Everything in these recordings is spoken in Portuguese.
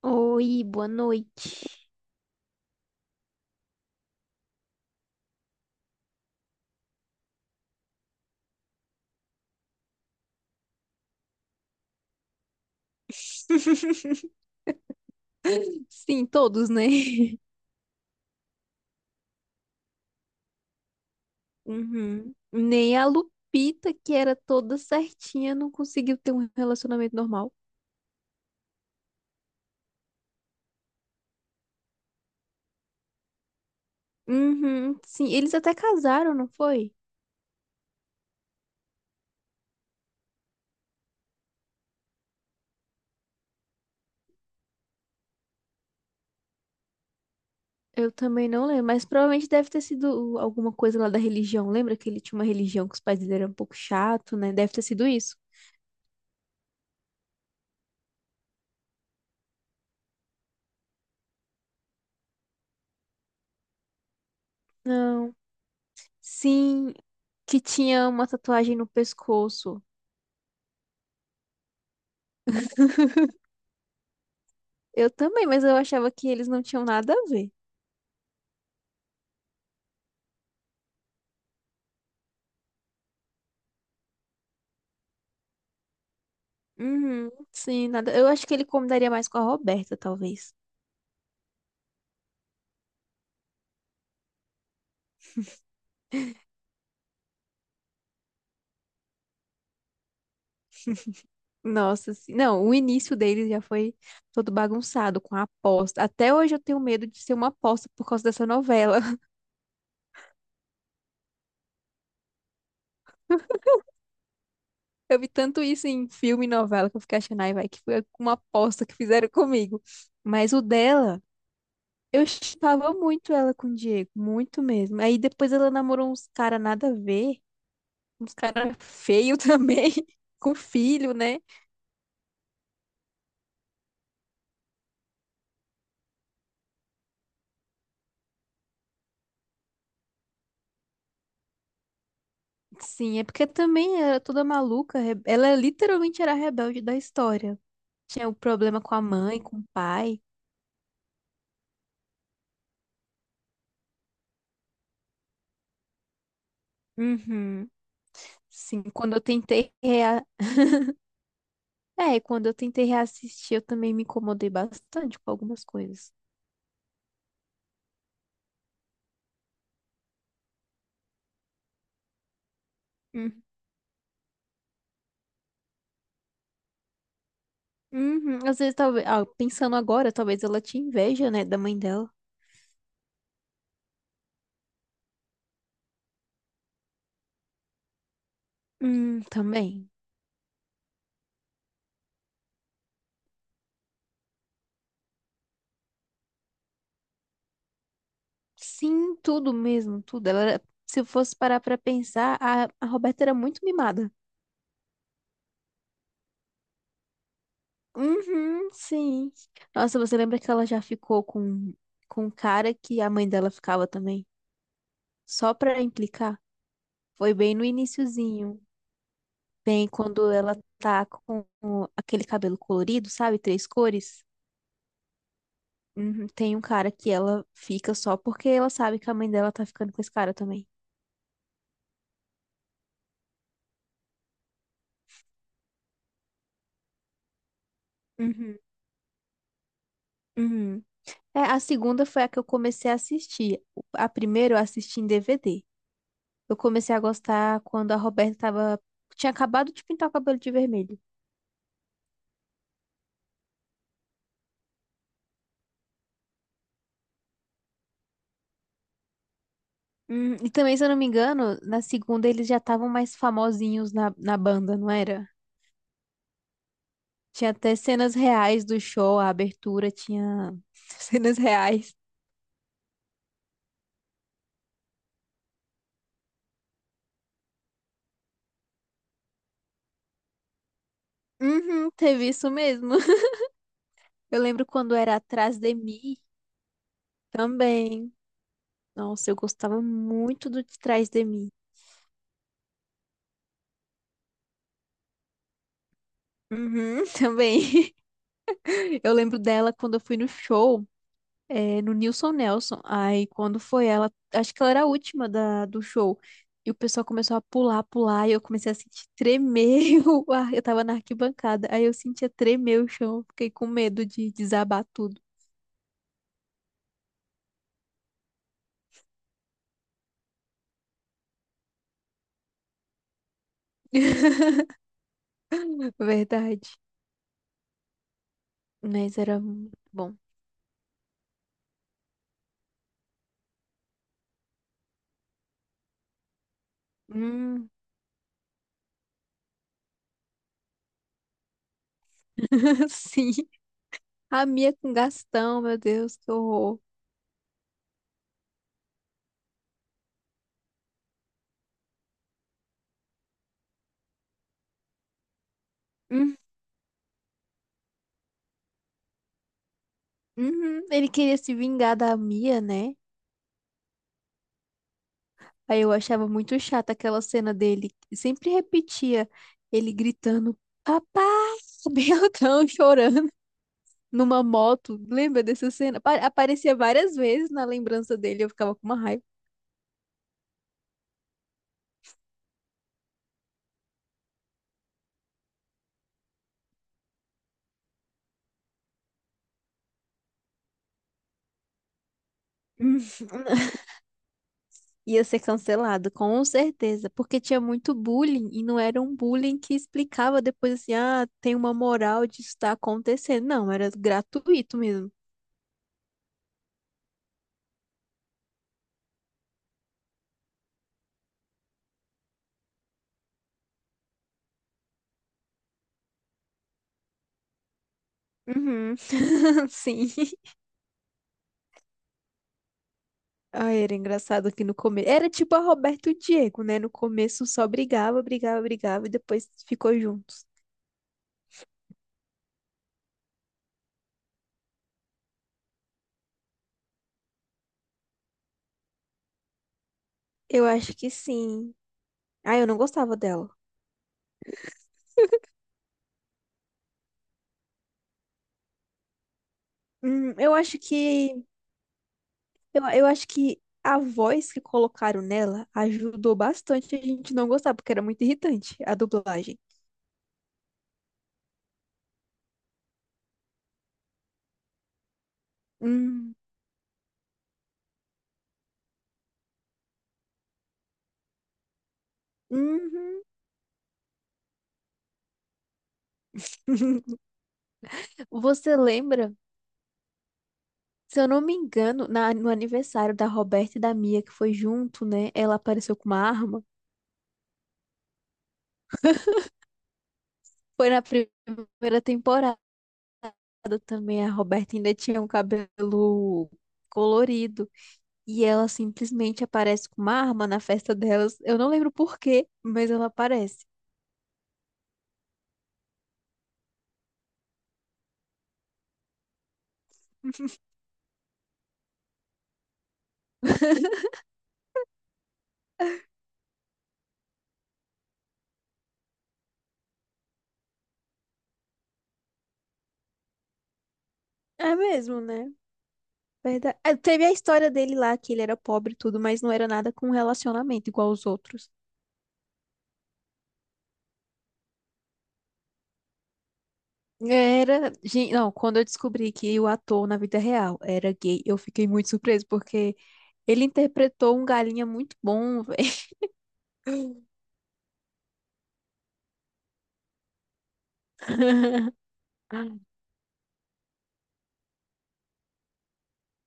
Oi, boa noite. Sim, todos, né? Uhum. Nem a Lupita, que era toda certinha, não conseguiu ter um relacionamento normal. Uhum, sim, eles até casaram, não foi? Eu também não lembro, mas provavelmente deve ter sido alguma coisa lá da religião. Lembra que ele tinha uma religião que os pais dele eram um pouco chato, né? Deve ter sido isso. Não. Sim, que tinha uma tatuagem no pescoço. Eu também, mas eu achava que eles não tinham nada a ver. Uhum, sim, nada. Eu acho que ele combinaria mais com a Roberta, talvez. Nossa, sim. Não, o início dele já foi todo bagunçado com a aposta. Até hoje eu tenho medo de ser uma aposta por causa dessa novela. Eu vi tanto isso em filme e novela que eu fiquei achando, ai, vai, que foi uma aposta que fizeram comigo. Mas o dela, eu chipava muito ela com o Diego, muito mesmo. Aí depois ela namorou uns cara nada a ver, uns cara feio também, com filho, né? Sim, é porque também era toda maluca. Ela literalmente era a rebelde da história. Tinha o problema com a mãe, com o pai. Uhum. Sim, quando eu tentei rea... Quando eu tentei reassistir, eu também me incomodei bastante com algumas coisas. Hum. Uhum. Às vezes, talvez, pensando agora, talvez ela tinha inveja, né, da mãe dela. Também. Sim, tudo mesmo, tudo. Se eu fosse parar pra pensar, a Roberta era muito mimada. Uhum, sim. Nossa, você lembra que ela já ficou com um cara que a mãe dela ficava também? Só pra implicar? Foi bem no iniciozinho, bem quando ela tá com aquele cabelo colorido, sabe? Três cores. Uhum, tem um cara que ela fica só porque ela sabe que a mãe dela tá ficando com esse cara também. Uhum, uhum. É, a segunda foi a que eu comecei a assistir. A primeira eu assisti em DVD. Eu comecei a gostar quando a Roberta tava. Tinha acabado de pintar o cabelo de vermelho. E também, se eu não me engano, na segunda eles já estavam mais famosinhos na banda, não era? Tinha até cenas reais do show, a abertura tinha cenas reais. Uhum, teve isso mesmo. Eu lembro quando era Atrás de Mim também. Nossa, eu gostava muito do de Trás de Mim. Uhum, também. Eu lembro dela quando eu fui no show. É, no Nilson Nelson. Aí quando foi ela, acho que ela era a última do show. E o pessoal começou a pular, pular, e eu comecei a sentir tremer o ar. Eu tava na arquibancada, aí eu sentia tremer o chão, fiquei com medo de desabar tudo. Verdade. Mas era bom. Hum, sim. A Mia com Gastão, meu Deus, que horror. Hum, uhum. Ele queria se vingar da Mia, né? Aí eu achava muito chata aquela cena dele. Sempre repetia ele gritando, papai, bem altão, chorando numa moto. Lembra dessa cena? Aparecia várias vezes na lembrança dele, eu ficava com uma raiva. Ia ser cancelado, com certeza, porque tinha muito bullying e não era um bullying que explicava depois assim, ah, tem uma moral de estar acontecendo. Não, era gratuito mesmo. Uhum. Sim. Ai, era engraçado que no começo. Era tipo a Roberto e o Diego, né? No começo só brigava, brigava, brigava e depois ficou juntos. Eu acho que sim. Ah, eu não gostava dela. Hum, eu acho que. Eu acho que a voz que colocaram nela ajudou bastante a gente não gostar, porque era muito irritante a dublagem. Hum, Uhum. Você lembra? Se eu não me engano, no aniversário da Roberta e da Mia, que foi junto, né? Ela apareceu com uma arma. Foi na primeira temporada. Também, a Roberta ainda tinha um cabelo colorido. E ela simplesmente aparece com uma arma na festa delas. Eu não lembro por quê, mas ela aparece. É mesmo, né? Verdade. É, teve a história dele lá, que ele era pobre e tudo, mas não era nada com relacionamento igual os outros. Era. Não, quando eu descobri que o ator na vida real era gay, eu fiquei muito surpresa, porque ele interpretou um galinha muito bom, velho.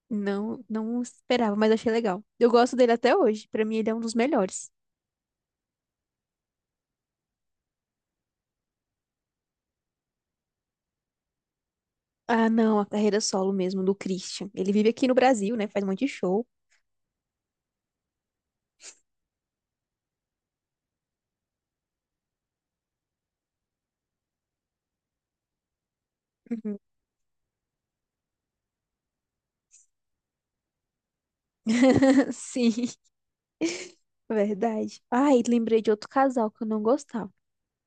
Não, não esperava, mas achei legal. Eu gosto dele até hoje. Pra mim, ele é um dos melhores. Ah, não, a carreira solo mesmo do Christian. Ele vive aqui no Brasil, né? Faz um monte de show. Uhum. Sim, verdade. Ai, lembrei de outro casal que eu não gostava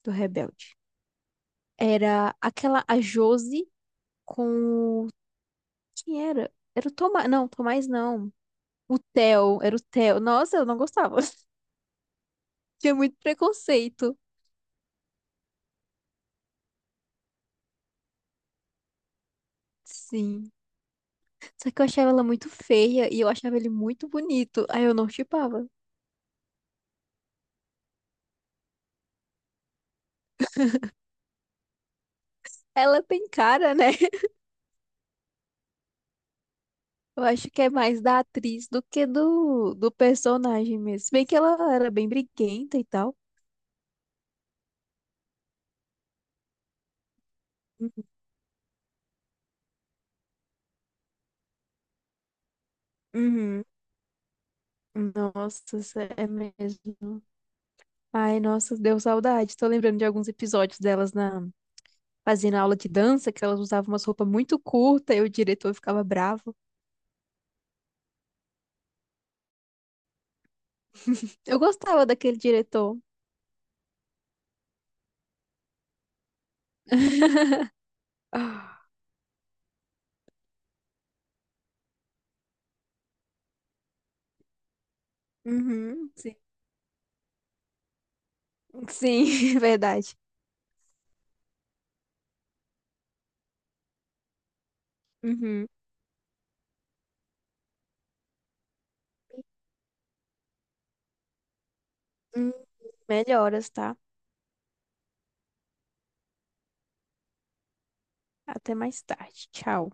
do Rebelde. Era aquela, a Josi com. O- Quem era? Era o Tomás. Não, Tomás não. O Theo, era o Theo. Nossa, eu não gostava. Tinha muito preconceito. Sim. Só que eu achava ela muito feia e eu achava ele muito bonito. Aí eu não chipava. Ela tem cara, né? Eu acho que é mais da atriz do que do personagem mesmo. Se bem que ela era bem briguenta e tal. Uhum. Nossa, isso é mesmo. Ai, nossa, deu saudade. Tô lembrando de alguns episódios delas na fazendo aula de dança, que elas usavam umas roupas muito curtas e o diretor ficava bravo. Eu gostava daquele diretor. Ah, uhum, sim. Sim, verdade. Uhum. Hum, melhoras, tá? Até mais tarde. Tchau.